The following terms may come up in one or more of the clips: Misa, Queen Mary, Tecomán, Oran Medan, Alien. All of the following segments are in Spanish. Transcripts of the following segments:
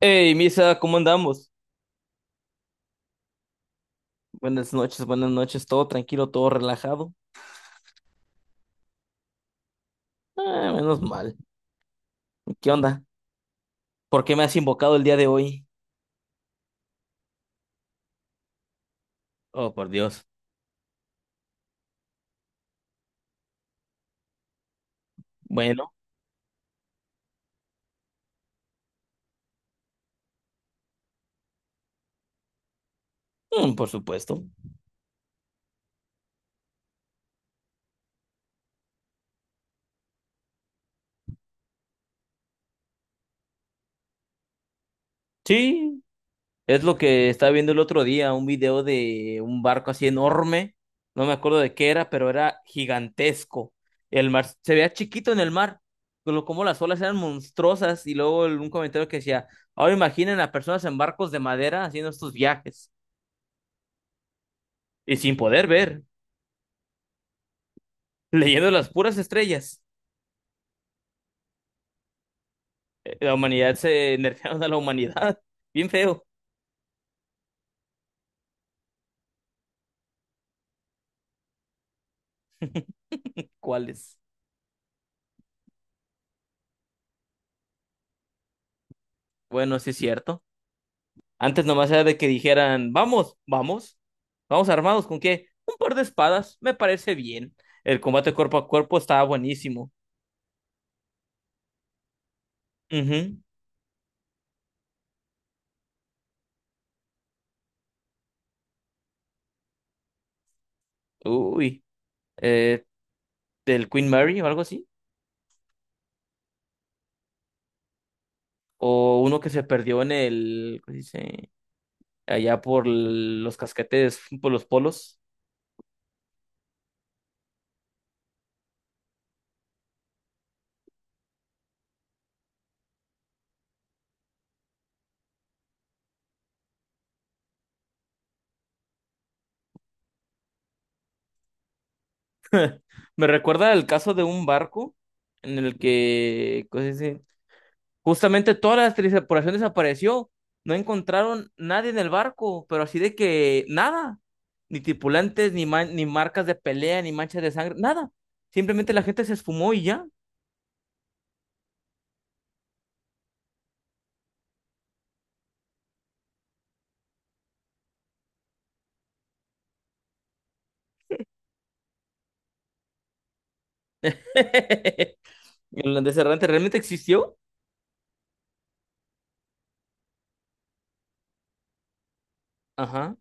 Hey, Misa, ¿cómo andamos? Buenas noches, todo tranquilo, todo relajado. Ah, menos mal. ¿Qué onda? ¿Por qué me has invocado el día de hoy? Oh, por Dios. Bueno, por supuesto. Sí, es lo que estaba viendo el otro día, un video de un barco así enorme. No me acuerdo de qué era, pero era gigantesco. El mar se veía chiquito en el mar, pero como las olas eran monstruosas. Y luego un comentario que decía, ahora imaginen a personas en barcos de madera haciendo estos viajes y sin poder ver. Leyendo las puras estrellas. La humanidad se nerfearon a la humanidad. Bien feo. ¿Cuáles? Bueno, sí es cierto. Antes nomás era de que dijeran, vamos, vamos, vamos armados ¿con qué? Un par de espadas, me parece bien. El combate cuerpo a cuerpo estaba buenísimo. Ujú. Uy. Eh, del Queen Mary o algo así. O uno que se perdió en el, ¿cómo se dice? Allá por los casquetes, por los polos. Me recuerda el caso de un barco en el que, ¿cómo se dice? Justamente toda la tripulación desapareció. No encontraron nadie en el barco, pero así de que nada. Ni tripulantes, ni, ni marcas de pelea, ni manchas de sangre, nada. Simplemente la gente se esfumó y ya. El deserrante realmente existió. Ajá.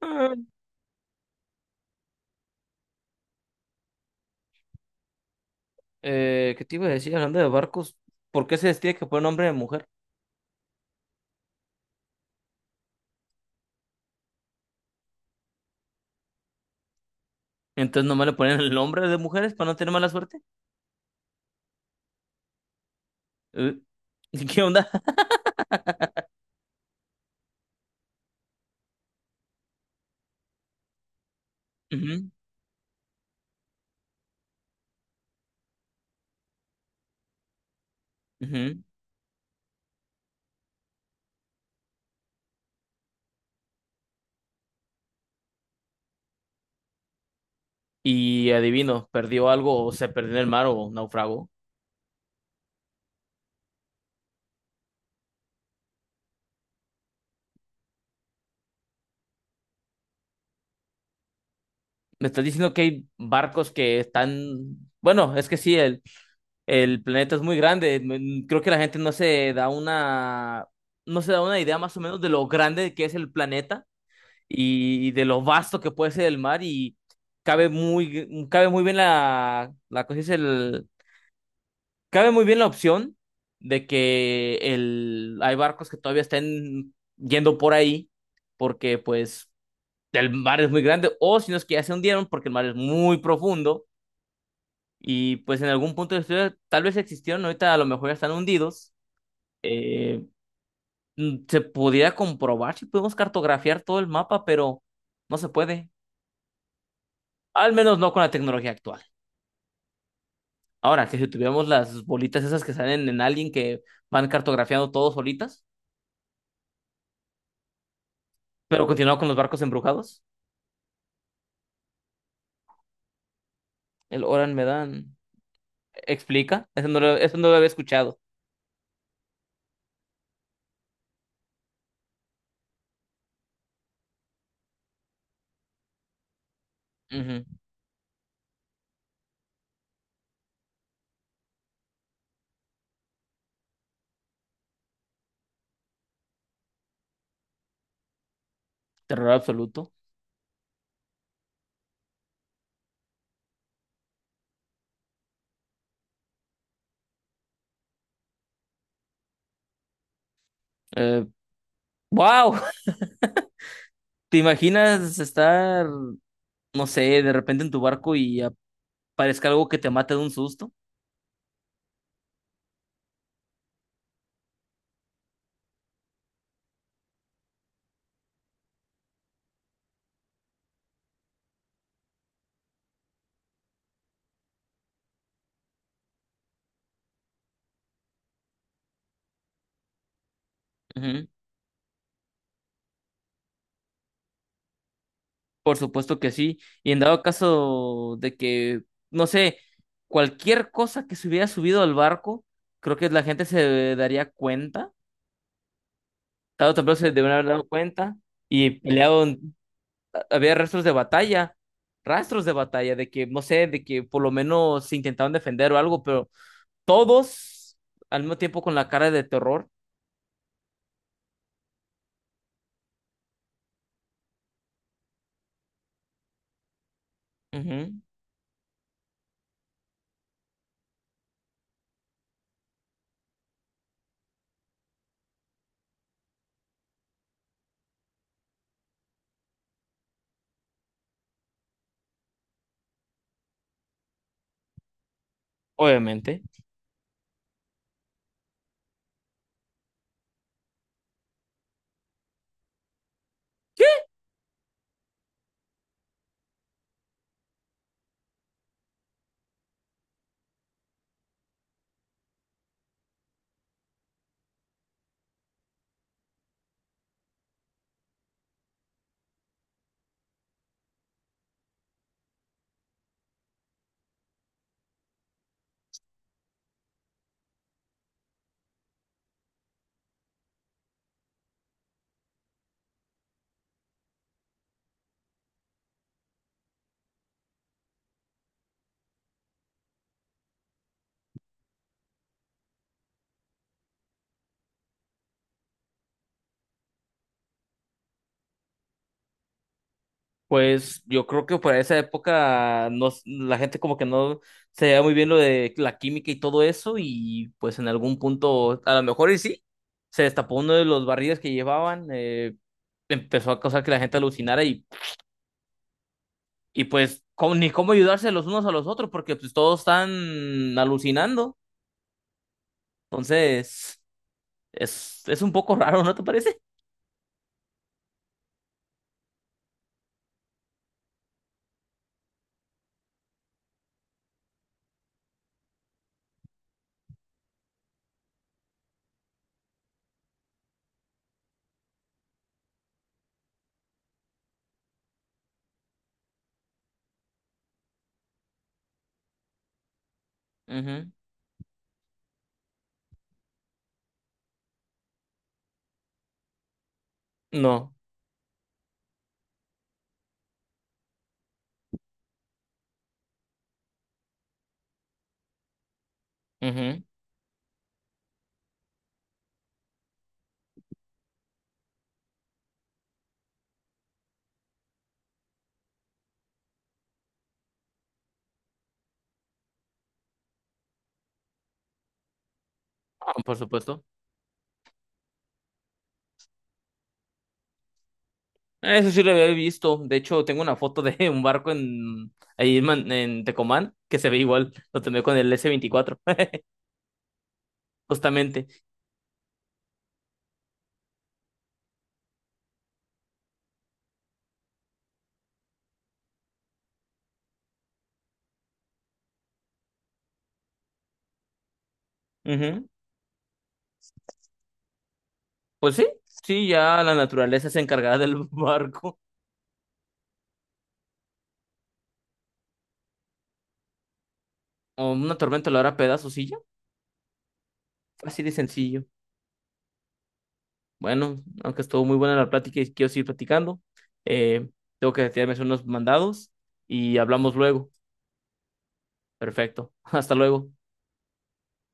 Ah, ¿qué te iba a decir? Hablando de barcos, ¿por qué se les tiene que poner nombre de mujer? Entonces nomás le ponen el nombre de mujeres para no tener mala suerte. Eh, ¿Qué onda? Ujú. Y adivino, ¿perdió algo o se perdió en el mar o naufragó? Me estás diciendo que hay barcos que están. Bueno, es que sí, el planeta es muy grande. Creo que la gente no se da una, no se da una idea más o menos de lo grande que es el planeta y de lo vasto que puede ser el mar y cabe muy bien la cosa. Es Cabe muy bien la opción de que hay barcos que todavía estén yendo por ahí porque pues el mar es muy grande, o si no es que ya se hundieron porque el mar es muy profundo, y pues en algún punto de la historia tal vez existieron, ahorita a lo mejor ya están hundidos. Eh, Se pudiera comprobar si podemos cartografiar todo el mapa, pero no se puede. Al menos no con la tecnología actual. Ahora, que si tuviéramos las bolitas esas que salen en Alien que van cartografiando todo solitas. Pero continuaba con los barcos embrujados. El Oran Medan, explica. Eso no lo había escuchado. Ujú. Terror absoluto. Eh, ¡Wow! ¿Te imaginas estar, no sé, de repente en tu barco y aparezca algo que te mate de un susto? Ujú. Por supuesto que sí. Y en dado caso de que, no sé, cualquier cosa que se hubiera subido al barco, creo que la gente se daría cuenta. Tarde o temprano se deberían haber dado cuenta y peleado, había rastros de batalla, de que, no sé, de que por lo menos se intentaban defender o algo, pero todos al mismo tiempo con la cara de terror. Ujú, obviamente. Pues yo creo que para esa época la gente como que no se veía muy bien lo de la química y todo eso, y pues en algún punto, a lo mejor y sí, se destapó uno de los barriles que llevaban, empezó a causar que la gente alucinara. Y pues ni cómo ayudarse los unos a los otros porque pues todos están alucinando. Entonces, es un poco raro, ¿no te parece? Ujú. No. Ujú. Ah, por supuesto. Eso sí lo había visto. De hecho, tengo una foto de un barco en ahí en Tecomán que se ve igual. Lo tomé con el S24. Justamente. Ujú. Pues sí, sí, ya la naturaleza es encargada del barco. O una tormenta lo hará pedazos y ya. Así de sencillo. Bueno, aunque estuvo muy buena la plática y quiero seguir platicando, eh, tengo que retirarme a hacer unos mandados y hablamos luego. Perfecto. Hasta luego.